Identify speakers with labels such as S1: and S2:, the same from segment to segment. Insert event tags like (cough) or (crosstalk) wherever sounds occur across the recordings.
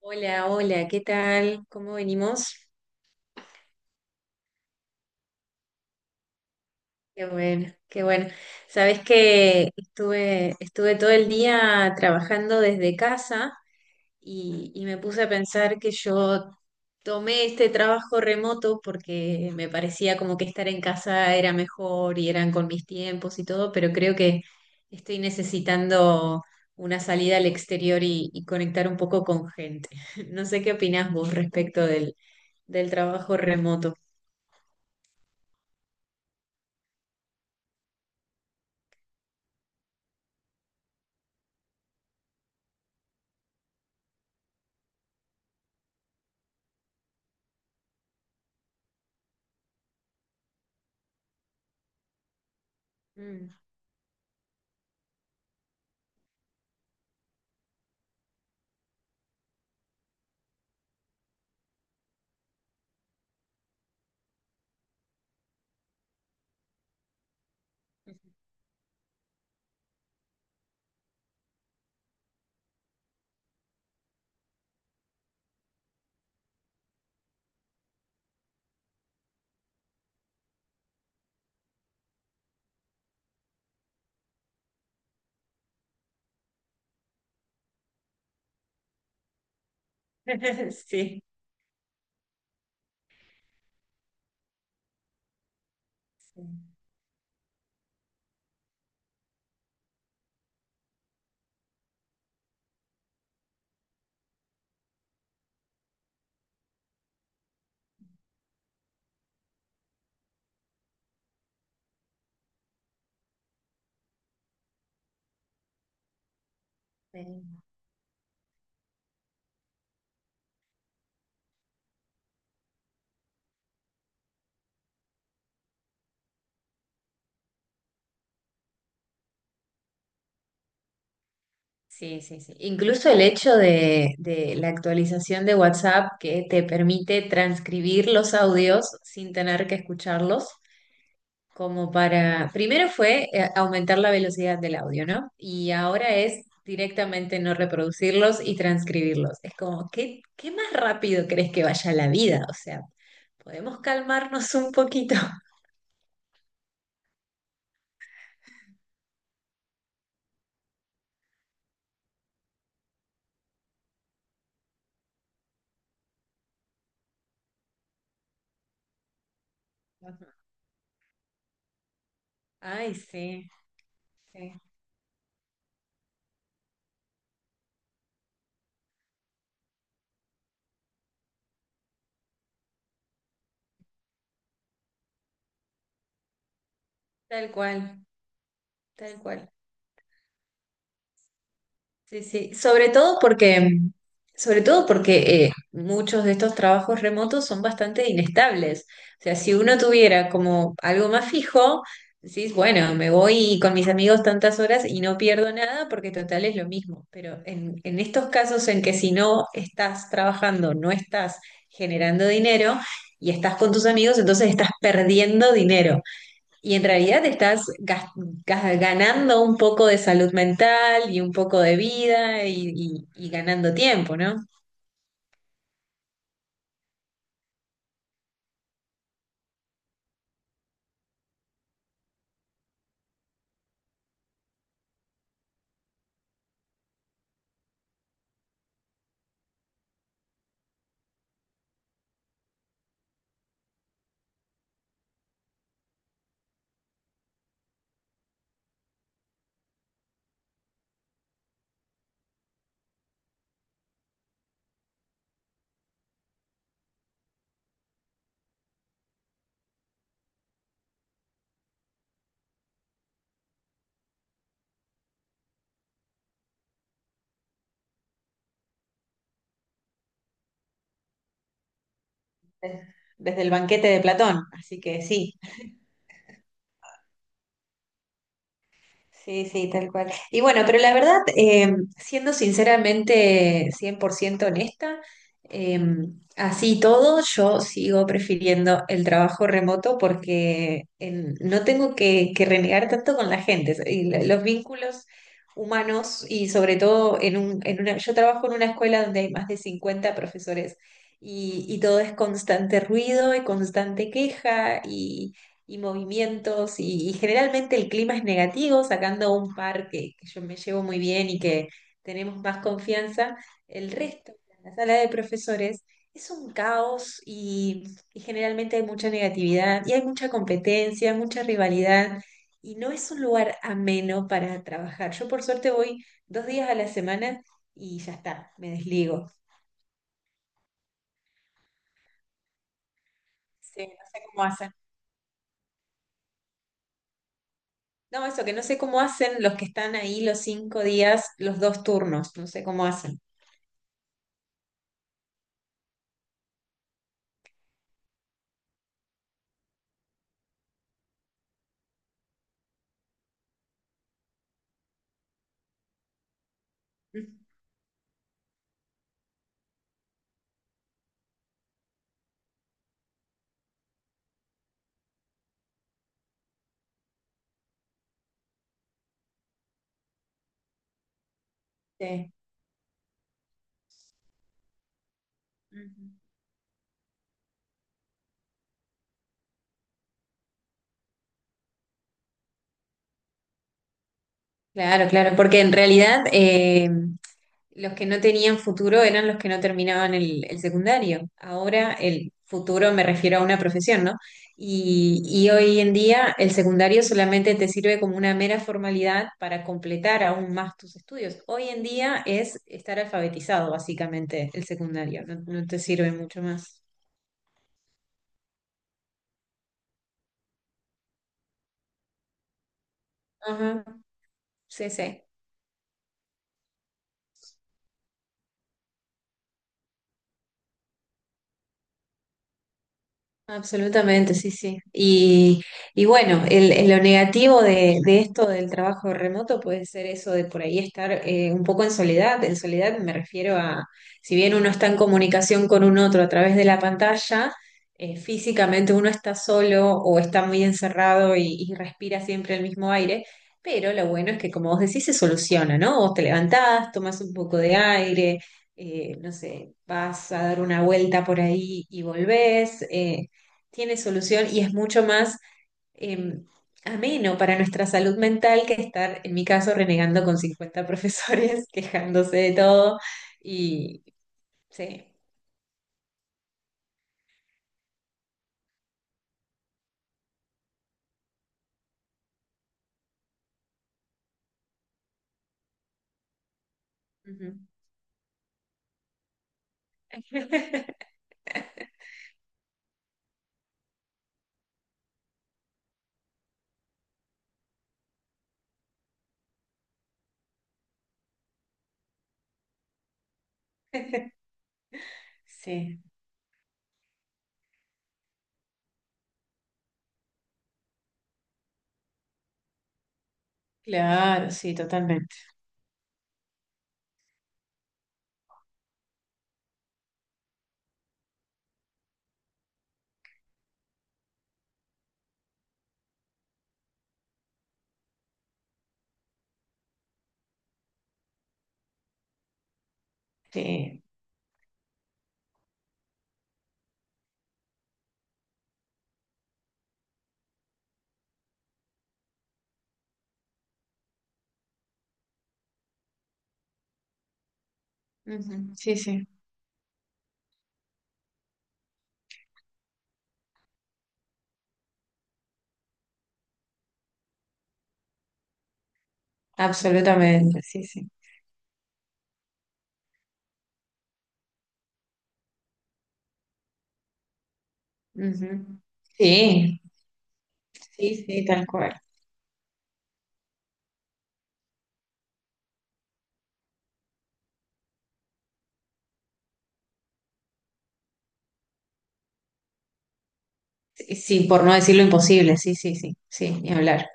S1: Hola, hola, ¿qué tal? ¿Cómo venimos? Qué bueno, qué bueno. Sabes que estuve todo el día trabajando desde casa y me puse a pensar que yo tomé este trabajo remoto porque me parecía como que estar en casa era mejor y eran con mis tiempos y todo, pero creo que estoy necesitando una salida al exterior y conectar un poco con gente. (laughs) No sé qué opinás vos respecto del trabajo remoto. Mm. (laughs) Sí. Sí, sí, sí, sí. Incluso el hecho de la actualización de WhatsApp que te permite transcribir los audios sin tener que escucharlos, como para, primero fue aumentar la velocidad del audio, ¿no? Y ahora es directamente no reproducirlos y transcribirlos. Es como, ¿qué más rápido crees que vaya la vida? O sea, podemos calmarnos un poquito. Ujú. Ay, sí. Sí, tal cual, tal cual. Sí, sí, sobre todo porque muchos de estos trabajos remotos son bastante inestables. O sea, si uno tuviera como algo más fijo, decís, bueno, me voy con mis amigos tantas horas y no pierdo nada porque total es lo mismo. Pero en estos casos en que si no estás trabajando, no estás generando dinero y estás con tus amigos, entonces estás perdiendo dinero. Y en realidad estás ganando un poco de salud mental y un poco de vida y ganando tiempo, ¿no? Desde el banquete de Platón, así que sí. Sí, sí, tal cual. Y bueno, pero la verdad, siendo sinceramente 100% honesta, eh, así y todo, yo sigo prefiriendo el trabajo remoto porque en- no tengo que renegar tanto con la gente y lo- los vínculos humanos y sobre todo en un, en una, yo trabajo en una escuela donde hay más de 50 profesores y todo es constante ruido y constante queja y movimientos y generalmente el clima es negativo, sacando un par que yo me llevo muy bien y que tenemos más confianza, el resto, la sala de profesores, es un caos y generalmente hay mucha negatividad y hay mucha competencia, mucha rivalidad y no es un lugar ameno para trabajar. Yo por suerte voy 2 días a la semana y ya está, me desligo. Sí, no sé cómo hacen. No, eso que no sé cómo hacen los que están ahí los 5 días, los dos turnos, no sé cómo hacen. Sí. Ujú. Claro, claro, porque en realidad los que no tenían futuro eran los que no terminaban el secundario. Ahora el futuro me refiero a una profesión, ¿no? Y hoy en día el secundario solamente te sirve como una mera formalidad para completar aún más tus estudios. Hoy en día es estar alfabetizado, básicamente, el secundario, no, no te sirve mucho más. Sí, sí. Absolutamente, sí, sí. Y bueno, lo negativo de esto del trabajo remoto puede ser eso de por ahí estar un poco en soledad. En soledad me refiero a, si bien uno está en comunicación con un otro a través de la pantalla, físicamente uno está solo o está muy encerrado y respira siempre el mismo aire. Pero lo bueno es que, como vos decís, se soluciona, ¿no? Vos te levantás, tomás un poco de aire. No sé, vas a dar una vuelta por ahí y volvés. Tiene solución y es mucho más eh, ameno para nuestra salud mental que estar, en mi caso, renegando con 50 profesores, (laughs) quejándose de todo. Y sí. Ujú. (laughs) Sí, claro, sí, totalmente. Sí, Ujú. Sí, sí, absolutamente, sí, sí. Ujú. Sí, sí, sí, tal cual. Sí, sí, por no decir lo imposible, sí, sí, sí, sí, ni hablar.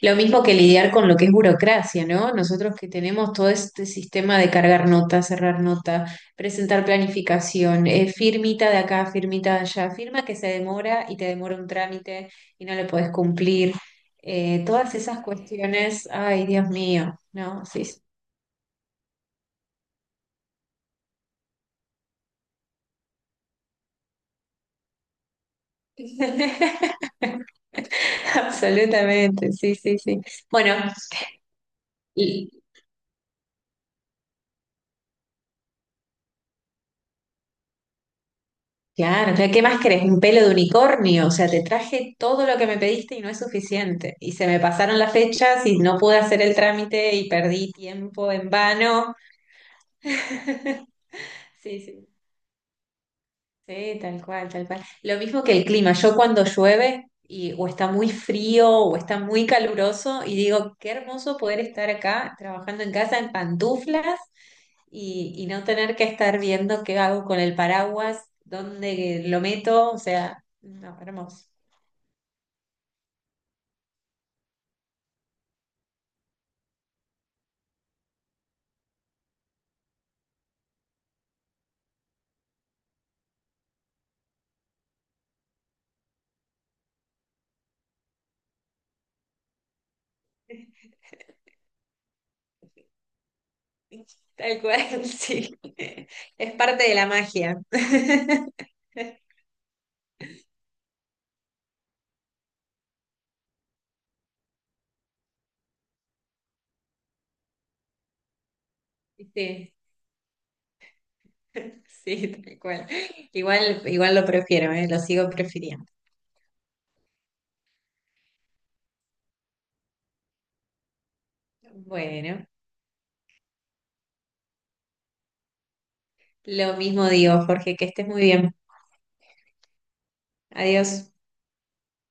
S1: Lo mismo que lidiar con lo que es burocracia, ¿no? Nosotros que tenemos todo este sistema de cargar nota, cerrar nota, presentar planificación, firmita de acá, firmita de allá, firma que se demora y te demora un trámite y no lo podés cumplir. Todas esas cuestiones, ay, Dios mío, ¿no? Sí, sí. (laughs) Absolutamente, sí, sí, sí. Bueno, claro, claro, ¿qué más querés? Un pelo de unicornio, o sea, te traje todo lo que me pediste y no es suficiente. Y se me pasaron las fechas y no pude hacer el trámite y perdí tiempo en vano. (laughs) Sí, sí, sí, tal cual, tal cual. Lo mismo que el clima, yo cuando llueve y o está muy frío o está muy caluroso y digo, qué hermoso poder estar acá trabajando en casa en pantuflas y no tener que estar viendo qué hago con el paraguas, dónde lo meto, o sea, no, hermoso. Tal cual, (laughs) sí. Es parte de la magia. (laughs) Sí, sí, tal cual. Igual, igual lo prefiero, ¿eh? Lo sigo prefiriendo. Bueno, lo mismo digo, Jorge, que estés muy bien. Adiós.